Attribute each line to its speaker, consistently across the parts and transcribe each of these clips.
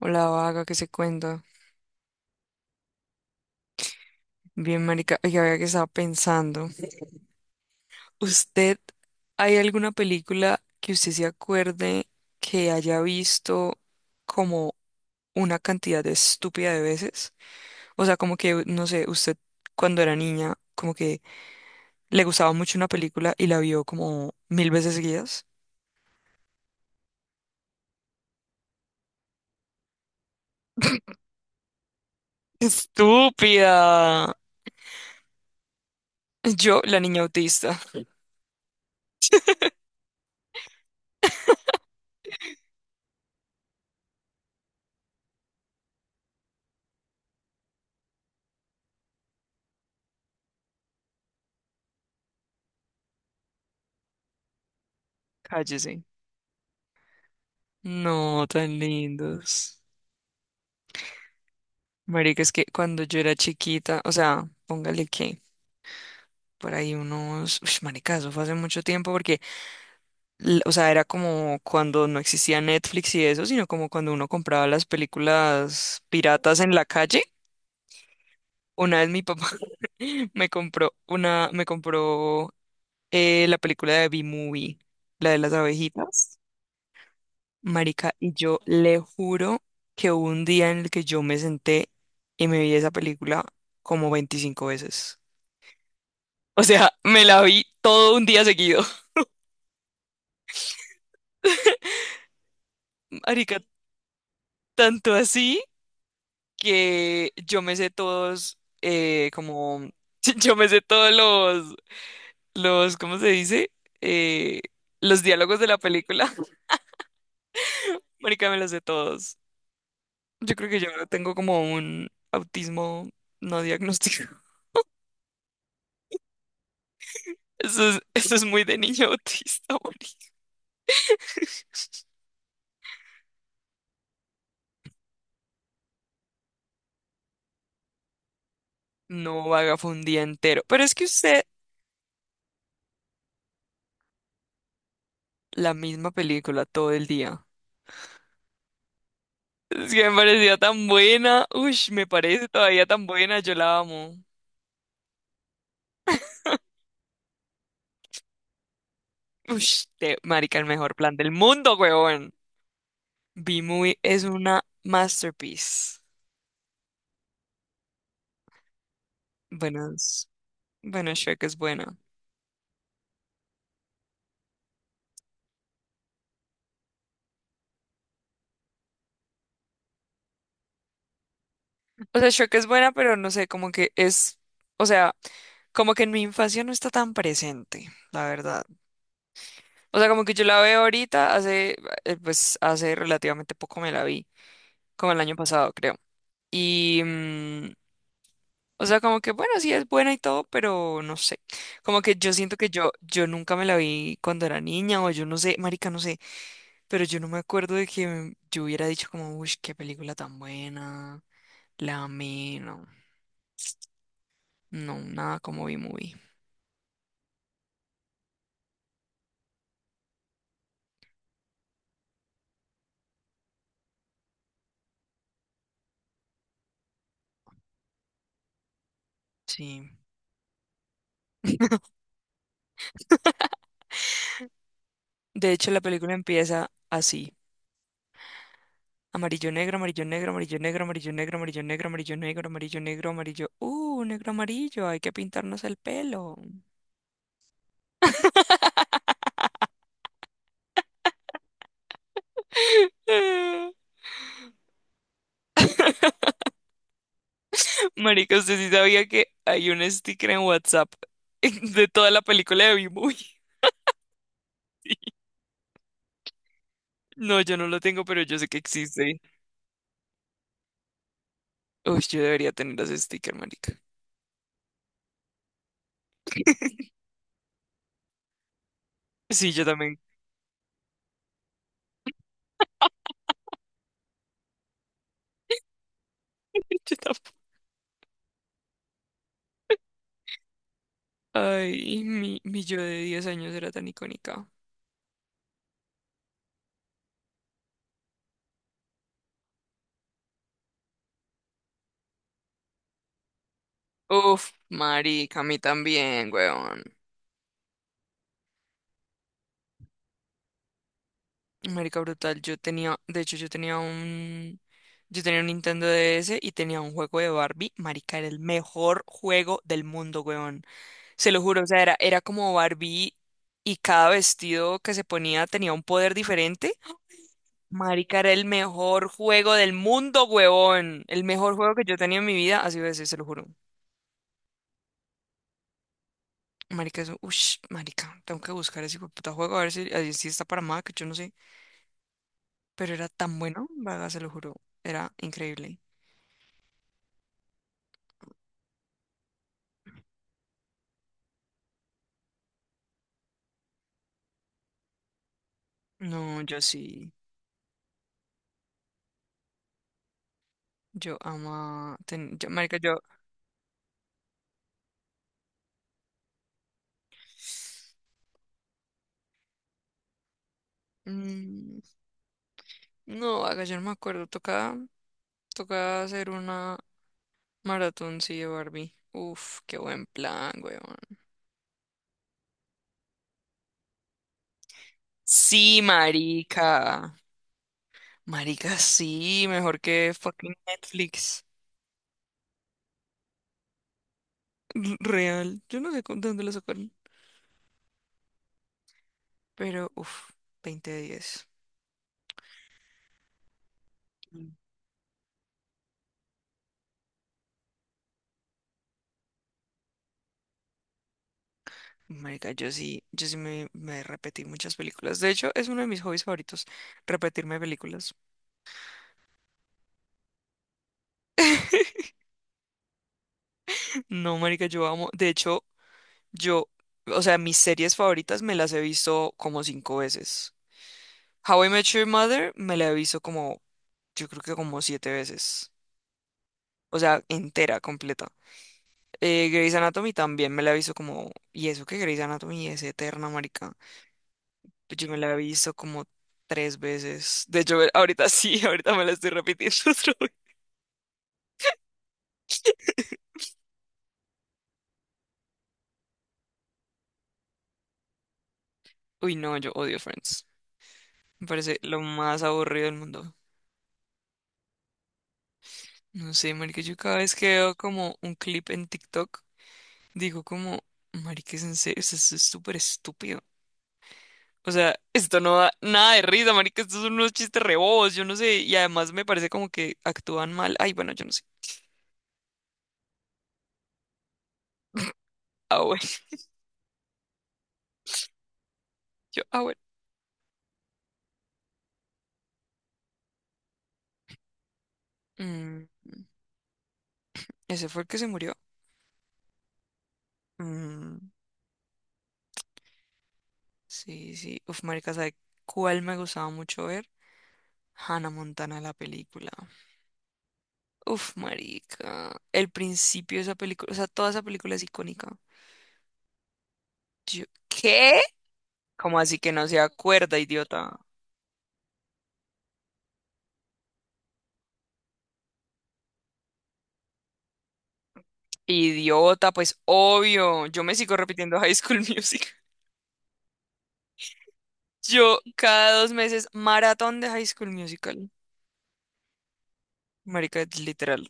Speaker 1: Hola, vaga, ¿qué se cuenta? Bien, marica. Oiga, vea que estaba pensando. ¿Usted, ¿Hay alguna película que usted se acuerde que haya visto como una cantidad de estúpida de veces? O sea, como que, no sé, usted cuando era niña, como que le gustaba mucho una película y la vio como mil veces seguidas. ¡Estúpida! Yo, la niña autista. Cállese. No, tan lindos. Marica, es que cuando yo era chiquita, o sea, póngale que por ahí unos, uy, marica, eso fue hace mucho tiempo porque, o sea, era como cuando no existía Netflix y eso, sino como cuando uno compraba las películas piratas en la calle. Una vez mi papá me compró la película de B-Movie, la de las abejitas, marica, y yo le juro que hubo un día en el que yo me senté y me vi esa película como 25 veces. O sea, me la vi todo un día seguido. Marica, tanto así que yo me sé todos, como, yo me sé todos los, ¿cómo se dice? Eh, los diálogos de la película. Marica, me los sé todos. Yo creo que yo tengo como un autismo no diagnosticado. Eso es muy de niño autista, marica. No vaga, fue un día entero. La misma película todo el día. Es que me pareció tan buena. Uy, me parece todavía tan buena. Yo la amo. Uy, marica, el mejor plan del mundo, huevón. B-Movie es una masterpiece. Bueno, es- bueno, Shrek es buena. O sea, Shrek es buena, pero no sé, como que es, o sea, como que en mi infancia no está tan presente, la verdad. O sea, como que yo la veo ahorita, pues hace relativamente poco me la vi, como el año pasado, creo. Y, mm, O sea, como que bueno, sí es buena y todo, pero no sé. Como que yo siento que yo nunca me la vi cuando era niña, o yo no sé, marica, no sé, pero yo no me acuerdo de que yo hubiera dicho como, uy, qué película tan buena, la amé, no, no, nada como vi movie. Sí. De hecho, la película empieza así. Amarillo, negro, amarillo, negro, amarillo, negro, amarillo, negro, amarillo, negro, amarillo, negro, amarillo, negro, amarillo. Negro, amarillo, hay que pintarnos el pelo. Marica, usted sí sabía que hay un sticker en WhatsApp de toda la película de B-Movie. No, yo no lo tengo, pero yo sé que existe. Uy, yo debería tener ese sticker, marica. Sí, yo también. Yo tampoco. Ay, mi yo de 10 años era tan icónica. Uf, marica, a mí también, weón. Marica brutal, de hecho yo tenía un Nintendo DS y tenía un juego de Barbie, marica, era el mejor juego del mundo, weón. Se lo juro, o sea, era como Barbie y cada vestido que se ponía tenía un poder diferente. Marica, era el mejor juego del mundo, huevón. El mejor juego que yo tenía en mi vida, así veces, se lo juro. Marica, eso, ush, marica, tengo que buscar ese puta juego a ver si está para Mac, yo no sé. Pero era tan bueno, vaga, se lo juro. Era increíble. No, yo sí. Yo ama. Yo, marica, yo. mm, no, haga, yo no me acuerdo. Toca hacer una maratón, sí, de Barbie. Uf, qué buen plan, weón. Sí, marica. Marica, sí. Mejor que fucking Netflix. Real. Yo no sé dónde lo sacaron. Pero, uf, 20 de 10. Mm. Marica, yo sí me repetí muchas películas. De hecho, es uno de mis hobbies favoritos, repetirme películas. No, marica, yo amo. De hecho, yo, o sea, mis series favoritas me las he visto como cinco veces. How I Met Your Mother me la he visto como, yo creo que como siete veces. O sea, entera, completa. Grey's Anatomy también me la he visto como, y eso que Grey's Anatomy es eterna, marica. Pues yo me la he visto como tres veces. De hecho, ahorita sí, ahorita me la estoy repitiendo otra vez. Uy, no, yo odio Friends. Me parece lo más aburrido del mundo. No sé, marica, yo cada vez que veo como un clip en TikTok, digo como, marica, es en serio, esto es súper estúpido. O sea, esto no da nada de risa, marica, estos son unos chistes rebobos, yo no sé, y además me parece como que actúan mal. Ay, bueno, yo no sé. Ah, bueno, yo, ah, bueno. Mm, ¿Ese fue el que se murió? Mm, sí, sí. Uf, marica, ¿sabe cuál me gustaba mucho ver? Hannah Montana, la película. Uf, marica, el principio de esa película, o sea, toda esa película es icónica. Yo, ¿qué? ¿Cómo así que no se acuerda, idiota? Idiota, pues obvio. Yo me sigo repitiendo High School Musical. Yo cada 2 meses maratón de High School Musical. Marica, es literal.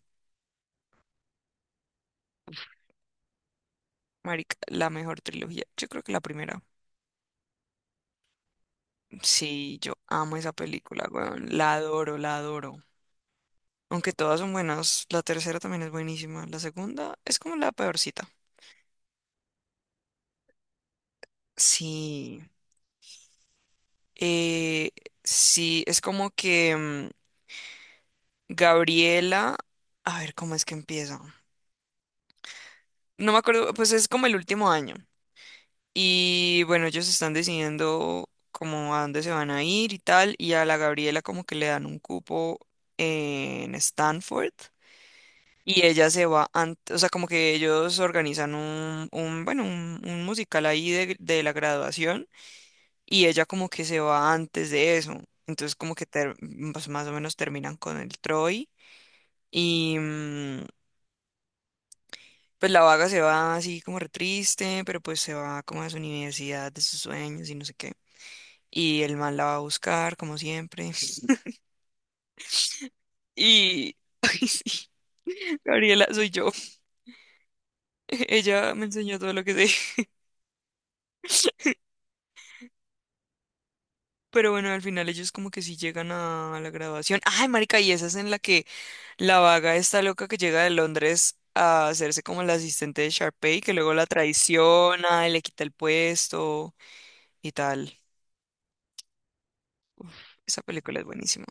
Speaker 1: Marica, la mejor trilogía. Yo creo que la primera. Sí, yo amo esa película, weón. La adoro, la adoro. Aunque todas son buenas, la tercera también es buenísima. La segunda es como la peorcita. Sí. Eh, sí, es como que Gabriela. A ver, ¿cómo es que empieza? No me acuerdo, pues es como el último año. Y bueno, ellos están decidiendo como a dónde se van a ir y tal. Y a la Gabriela como que le dan un cupo en Stanford. Y ella se va, o sea, como que ellos organizan un musical ahí de la graduación. Y ella como que se va antes de eso. Entonces como que pues, más o menos terminan con el Troy. Y, mm, Pues la vaga se va así como re triste, pero pues se va como a su universidad de sus sueños y no sé qué. Y el man la va a buscar, como siempre. Y... Ay, sí, Gabriela, soy yo. Ella me enseñó todo lo que sé. Pero bueno, al final ellos como que sí llegan a la graduación. Ay, marica, y esa es en la que la vaga está loca que llega de Londres a hacerse como la asistente de Sharpay, que luego la traiciona y le quita el puesto y tal. Esa película es buenísima.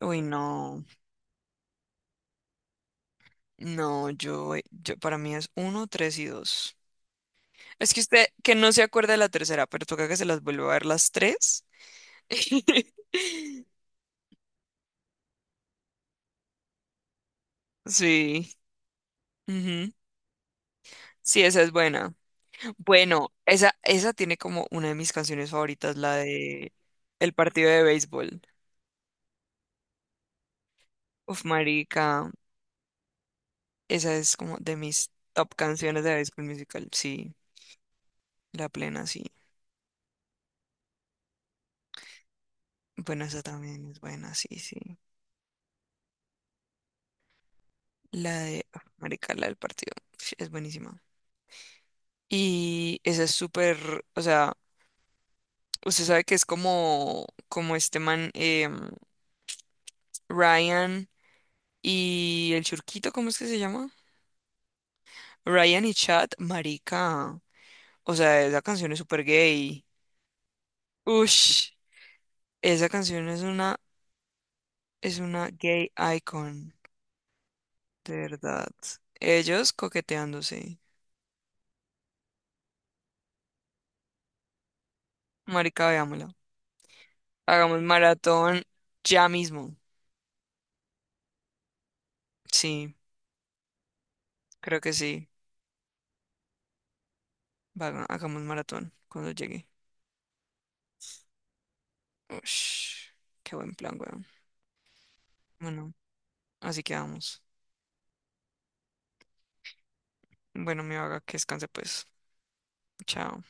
Speaker 1: Uy, no. No, yo para mí es uno, tres y dos. Es que usted que no se acuerda de la tercera, pero toca que se las vuelva a ver las tres. Sí. Ujú. Sí, esa es buena. Bueno, esa tiene como una de mis canciones favoritas, la de el partido de béisbol. Uf, marica, esa es como de mis top canciones de béisbol musical. Sí, la plena, sí. Bueno, esa también es buena, sí, sí. Uf, marica, la del partido, uf, es buenísima. Y esa es súper, o sea, usted sabe que es como este man, Ryan y el churquito, ¿cómo es que se llama? Ryan y Chad, marica. O sea, esa canción es súper gay. Ush, esa canción es una, gay icon, de verdad. Ellos coqueteándose. Marica, veámosla. Hagamos maratón ya mismo. Sí, creo que sí. Hagamos maratón cuando llegue. Ush, qué buen plan, weón. Bueno, así quedamos. Bueno, mi vaga, que descanse pues. Chao.